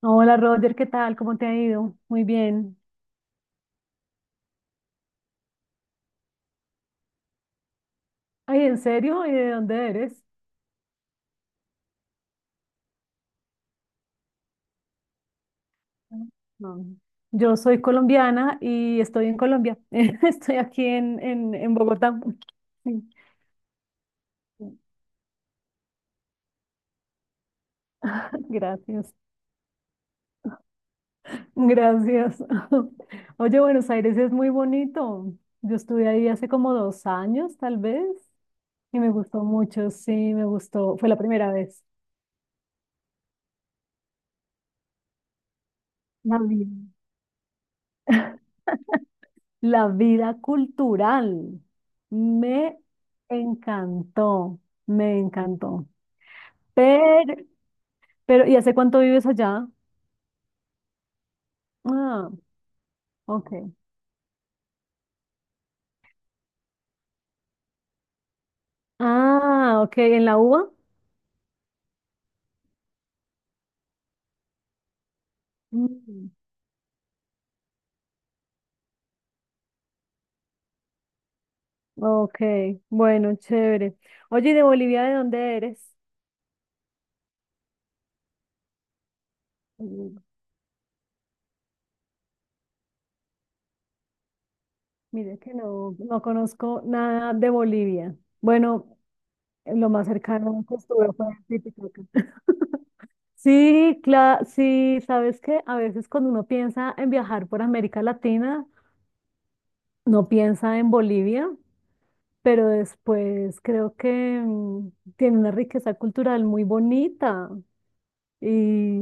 Hola Roger, ¿qué tal? ¿Cómo te ha ido? Muy bien. Ay, ¿en serio? ¿Y de dónde eres? No. Yo soy colombiana y estoy en Colombia. Estoy aquí en Bogotá. Sí. Gracias. Gracias. Oye, Buenos Aires es muy bonito. Yo estuve ahí hace como 2 años, tal vez, y me gustó mucho. Sí, me gustó. Fue la primera vez. Ah, bien. La vida cultural. Me encantó, me encantó. Pero, pero, ¿y hace cuánto vives allá? Ah, ok. Ah, ok, ¿en la UBA? Mm, ok, bueno, chévere. Oye, ¿y de Bolivia de dónde eres? Mm, Mira que no, no conozco nada de Bolivia. Bueno, lo más cercano que estuve fue en Titicaca. Sí, claro, sí, sabes que a veces cuando uno piensa en viajar por América Latina, no piensa en Bolivia, pero después creo que tiene una riqueza cultural muy bonita y,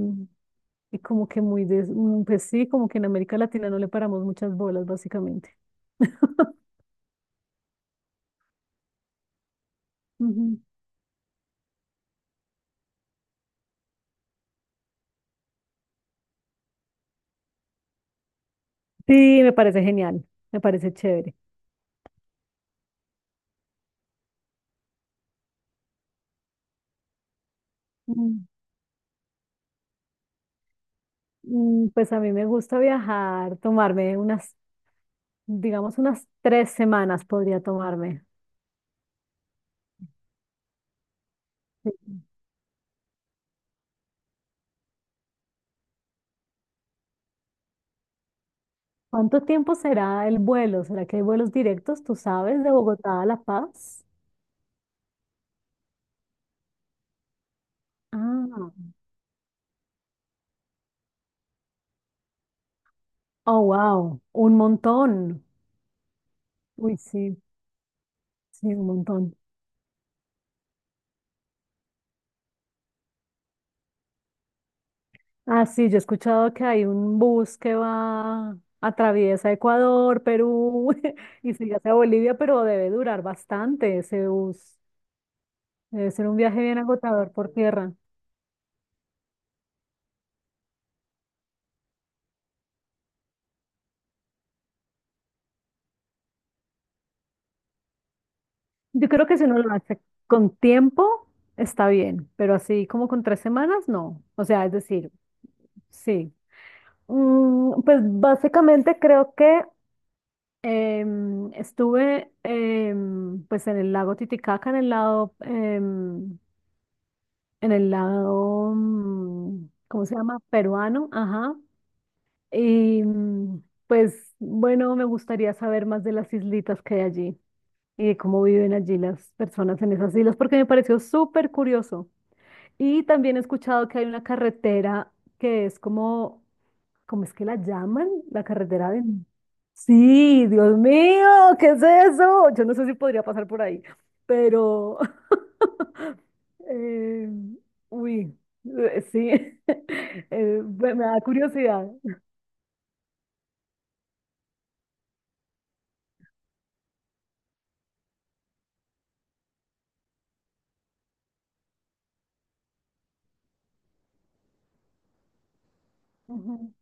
y como que muy, pues sí, como que en América Latina no le paramos muchas bolas, básicamente. Ujú. Sí, me parece genial, me parece chévere. Mm, Pues a mí me gusta viajar, tomarme unas, digamos, unas 3 semanas podría tomarme. ¿Cuánto tiempo será el vuelo? ¿Será que hay vuelos directos, tú sabes, de Bogotá a La Paz? Ah, oh, wow, un montón. Uy, sí, sí, un montón. Ah, sí, yo he escuchado que hay un bus que va, atraviesa Ecuador, Perú y sigue hacia Bolivia, pero debe durar bastante ese bus. Debe ser un viaje bien agotador por tierra. Yo creo que si uno lo hace con tiempo, está bien, pero así como con 3 semanas, no. O sea, es decir, sí. Pues básicamente creo que estuve pues en el lago Titicaca, en el lado, ¿cómo se llama? Peruano, ajá. Y pues bueno, me gustaría saber más de las islitas que hay allí y de cómo viven allí las personas en esas islas, porque me pareció súper curioso. Y también he escuchado que hay una carretera que es como. ¿Cómo es que la llaman? La carretera de. Sí, Dios mío, ¿qué es eso? Yo no sé si podría pasar por ahí, pero. eh, uy, sí. Me da curiosidad. Ujú.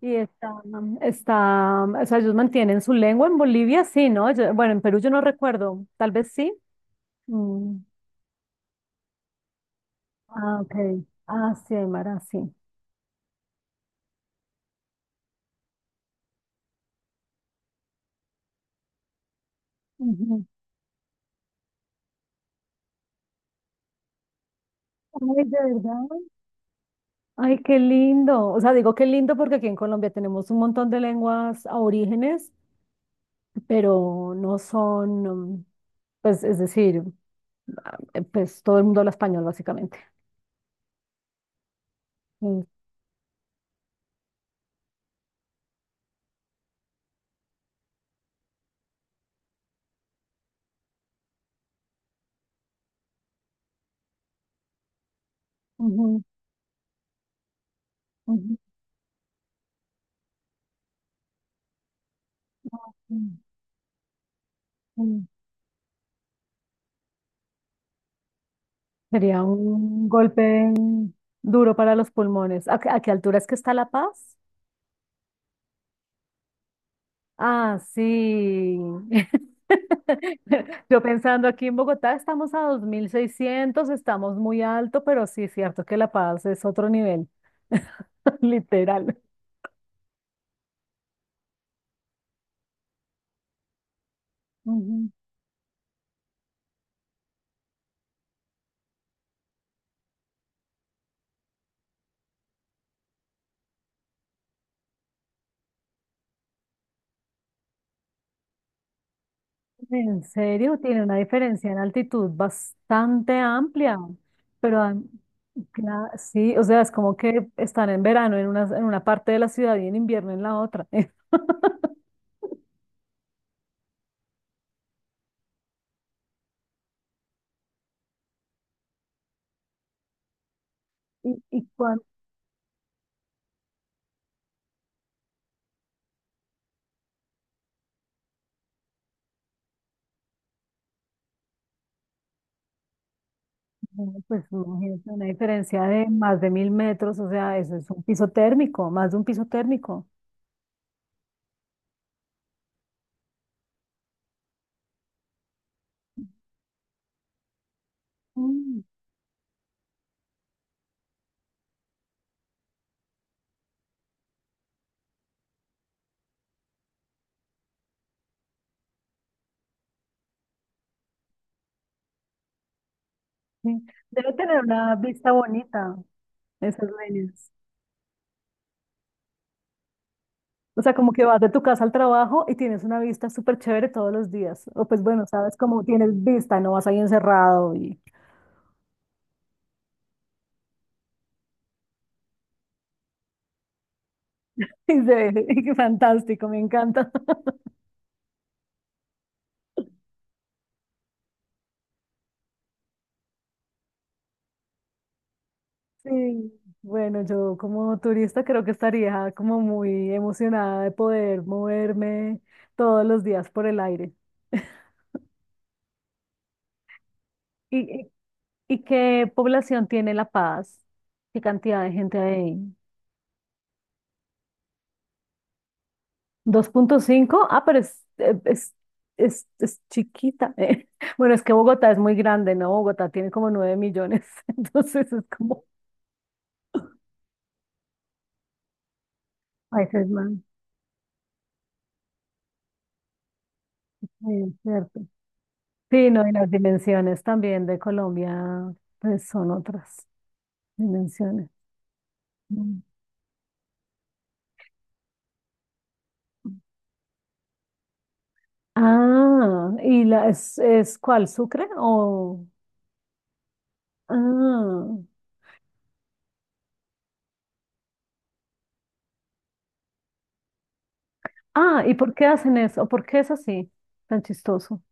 Y está, o sea, ellos mantienen su lengua en Bolivia, sí, ¿no? Bueno, en Perú yo no recuerdo, tal vez sí. Mm, Ah, ok. Ah, sí, Aymara, sí. Ujú. Ay, de verdad. Ay, qué lindo. O sea, digo qué lindo porque aquí en Colombia tenemos un montón de lenguas aborígenes, pero no son, pues, es decir, pues todo el mundo habla español básicamente. Mm, ujú, ujú, ujú, ujú. Sería un golpe duro para los pulmones. ¿A qué altura es que está La Paz? Ah, sí. Yo pensando aquí en Bogotá estamos a 2600, estamos muy alto, pero sí es cierto que La Paz es otro nivel. literal. Ujú. En serio, tiene una diferencia en altitud bastante amplia, pero sí, o sea, es como que están en verano en una parte de la ciudad y en invierno en la otra. Y, y cuando, pues imagínate una diferencia de más de 1000 metros, o sea, eso es un piso térmico, más de un piso térmico. Mm, sí. Debe tener una vista bonita, esas líneas. O sea, como que vas de tu casa al trabajo y tienes una vista súper chévere todos los días. O pues bueno, sabes, como tienes vista, no vas ahí encerrado y, y se ve fantástico, me encanta. Sí, bueno, yo como turista creo que estaría como muy emocionada de poder moverme todos los días por el aire. ¿Y, y y qué población tiene La Paz? ¿Qué cantidad de gente hay? 2,5. Ah, pero es, es chiquita. Bueno, es que Bogotá es muy grande, ¿no? Bogotá tiene como 9 millones, entonces es como países más, ¿cierto? Sí, no, y las dimensiones también de Colombia, pues son otras dimensiones. Mm. Ah, ¿y la, es cuál, Sucre o? Ah, ah, ¿y por qué hacen eso? ¿Por qué es así, tan chistoso?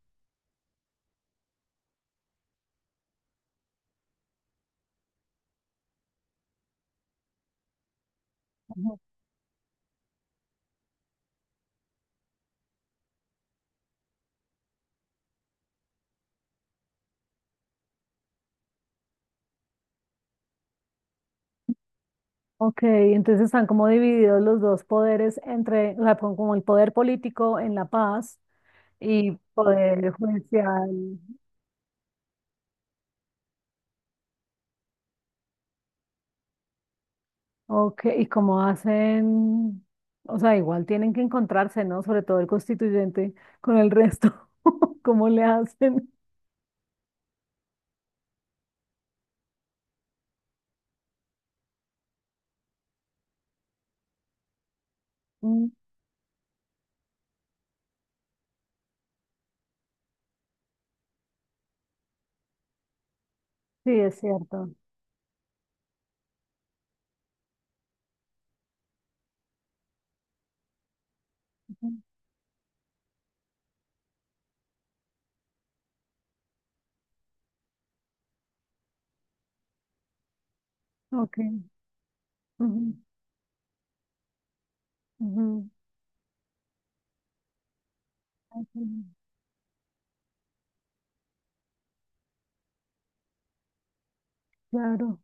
Ok, entonces están como divididos los dos poderes entre, o sea, como el poder político en La Paz y poder judicial. Ok, y cómo hacen, o sea, igual tienen que encontrarse, ¿no? Sobre todo el constituyente con el resto. ¿Cómo le hacen? Mm, sí, es cierto. Ujú. Ok. Ujú, ujú, ok. Claro.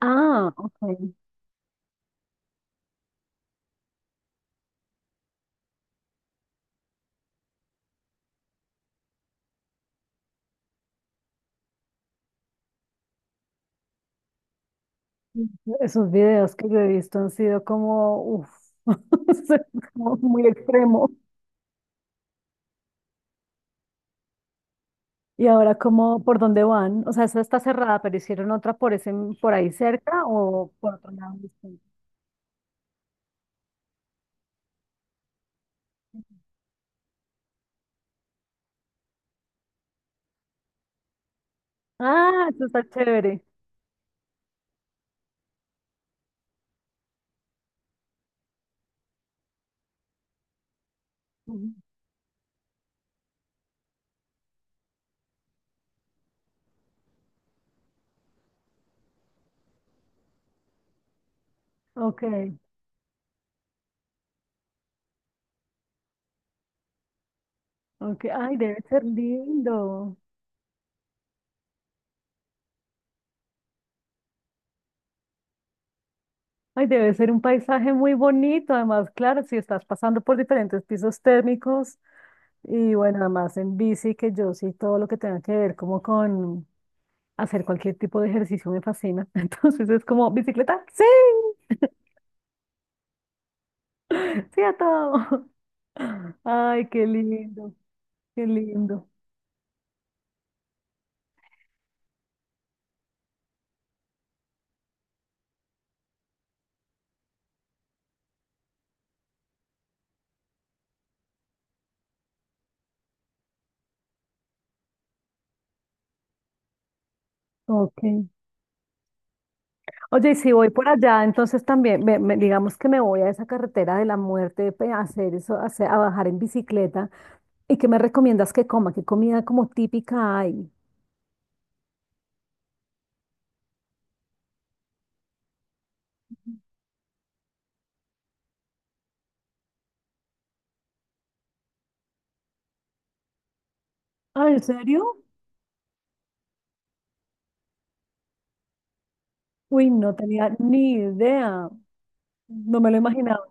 Ah, ok. Esos videos que yo he visto han sido como, uff, muy extremo. Y ahora como, ¿por dónde van? O sea, esa está cerrada, pero hicieron otra por ahí cerca o por otro lado distinto. Ah, eso está chévere. Ujú. Ok, ok. Ay, debe ser lindo. Ay, debe ser un paisaje muy bonito. Además, claro, si estás pasando por diferentes pisos térmicos y bueno, además en bici, que yo sí todo lo que tenga que ver como con hacer cualquier tipo de ejercicio me fascina. Entonces es como, ¿bicicleta? Sí, sí a todo. Ay, qué lindo, qué lindo. Ok. Oye, y si voy por allá, entonces también, digamos que me voy a esa carretera de la muerte a hacer eso, a bajar en bicicleta. ¿Y qué me recomiendas que coma? ¿Qué comida como típica hay? Ah, ¿en serio? Uy, no tenía ni idea. No me lo imaginaba.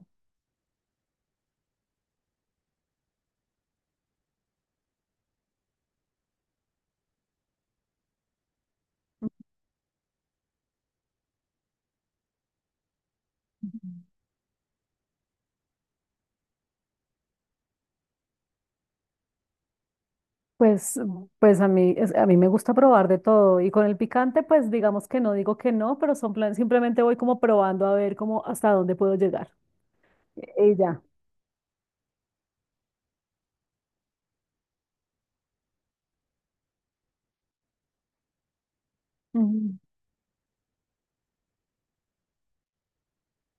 Pues, pues a mí me gusta probar de todo y con el picante, pues digamos que no digo que no, pero son planes, simplemente voy como probando a ver cómo hasta dónde puedo llegar. Ella.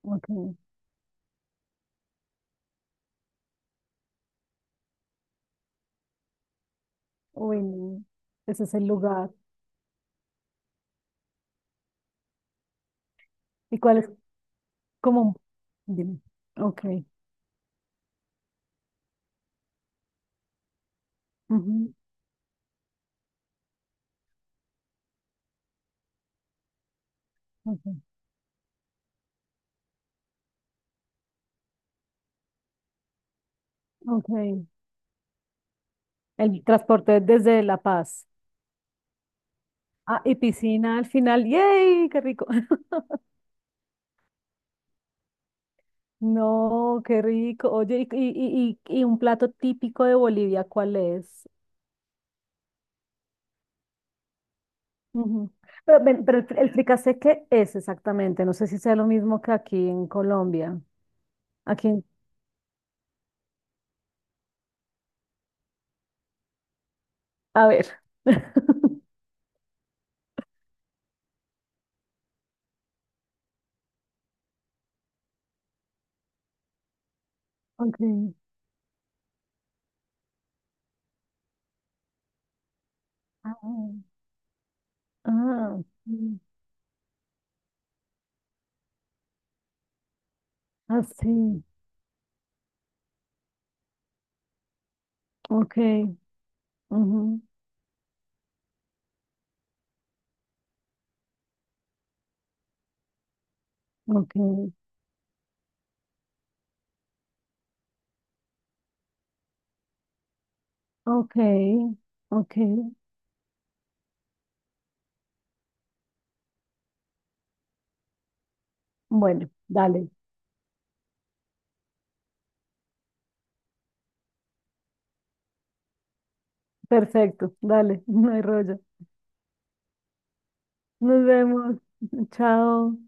Ok. Uy, no. Ese es el lugar. ¿Y cuál es como? Dime. Ok. Ujú, ok, ok. El transporte desde La Paz. Ah, y piscina al final. ¡Yay! ¡Qué rico! No, qué rico. Oye, y un plato típico de Bolivia, ¿cuál es? Ujú. Pero, ven, pero el fricasé, ¿qué es exactamente? No sé si sea lo mismo que aquí en Colombia. Aquí, a ver. Ok. Ah, ah, sí. Ah, sí. Ok. Ujú, ok. Ok. Ok. Bueno, dale. Perfecto. Dale. No hay rollo. Nos vemos. Chao.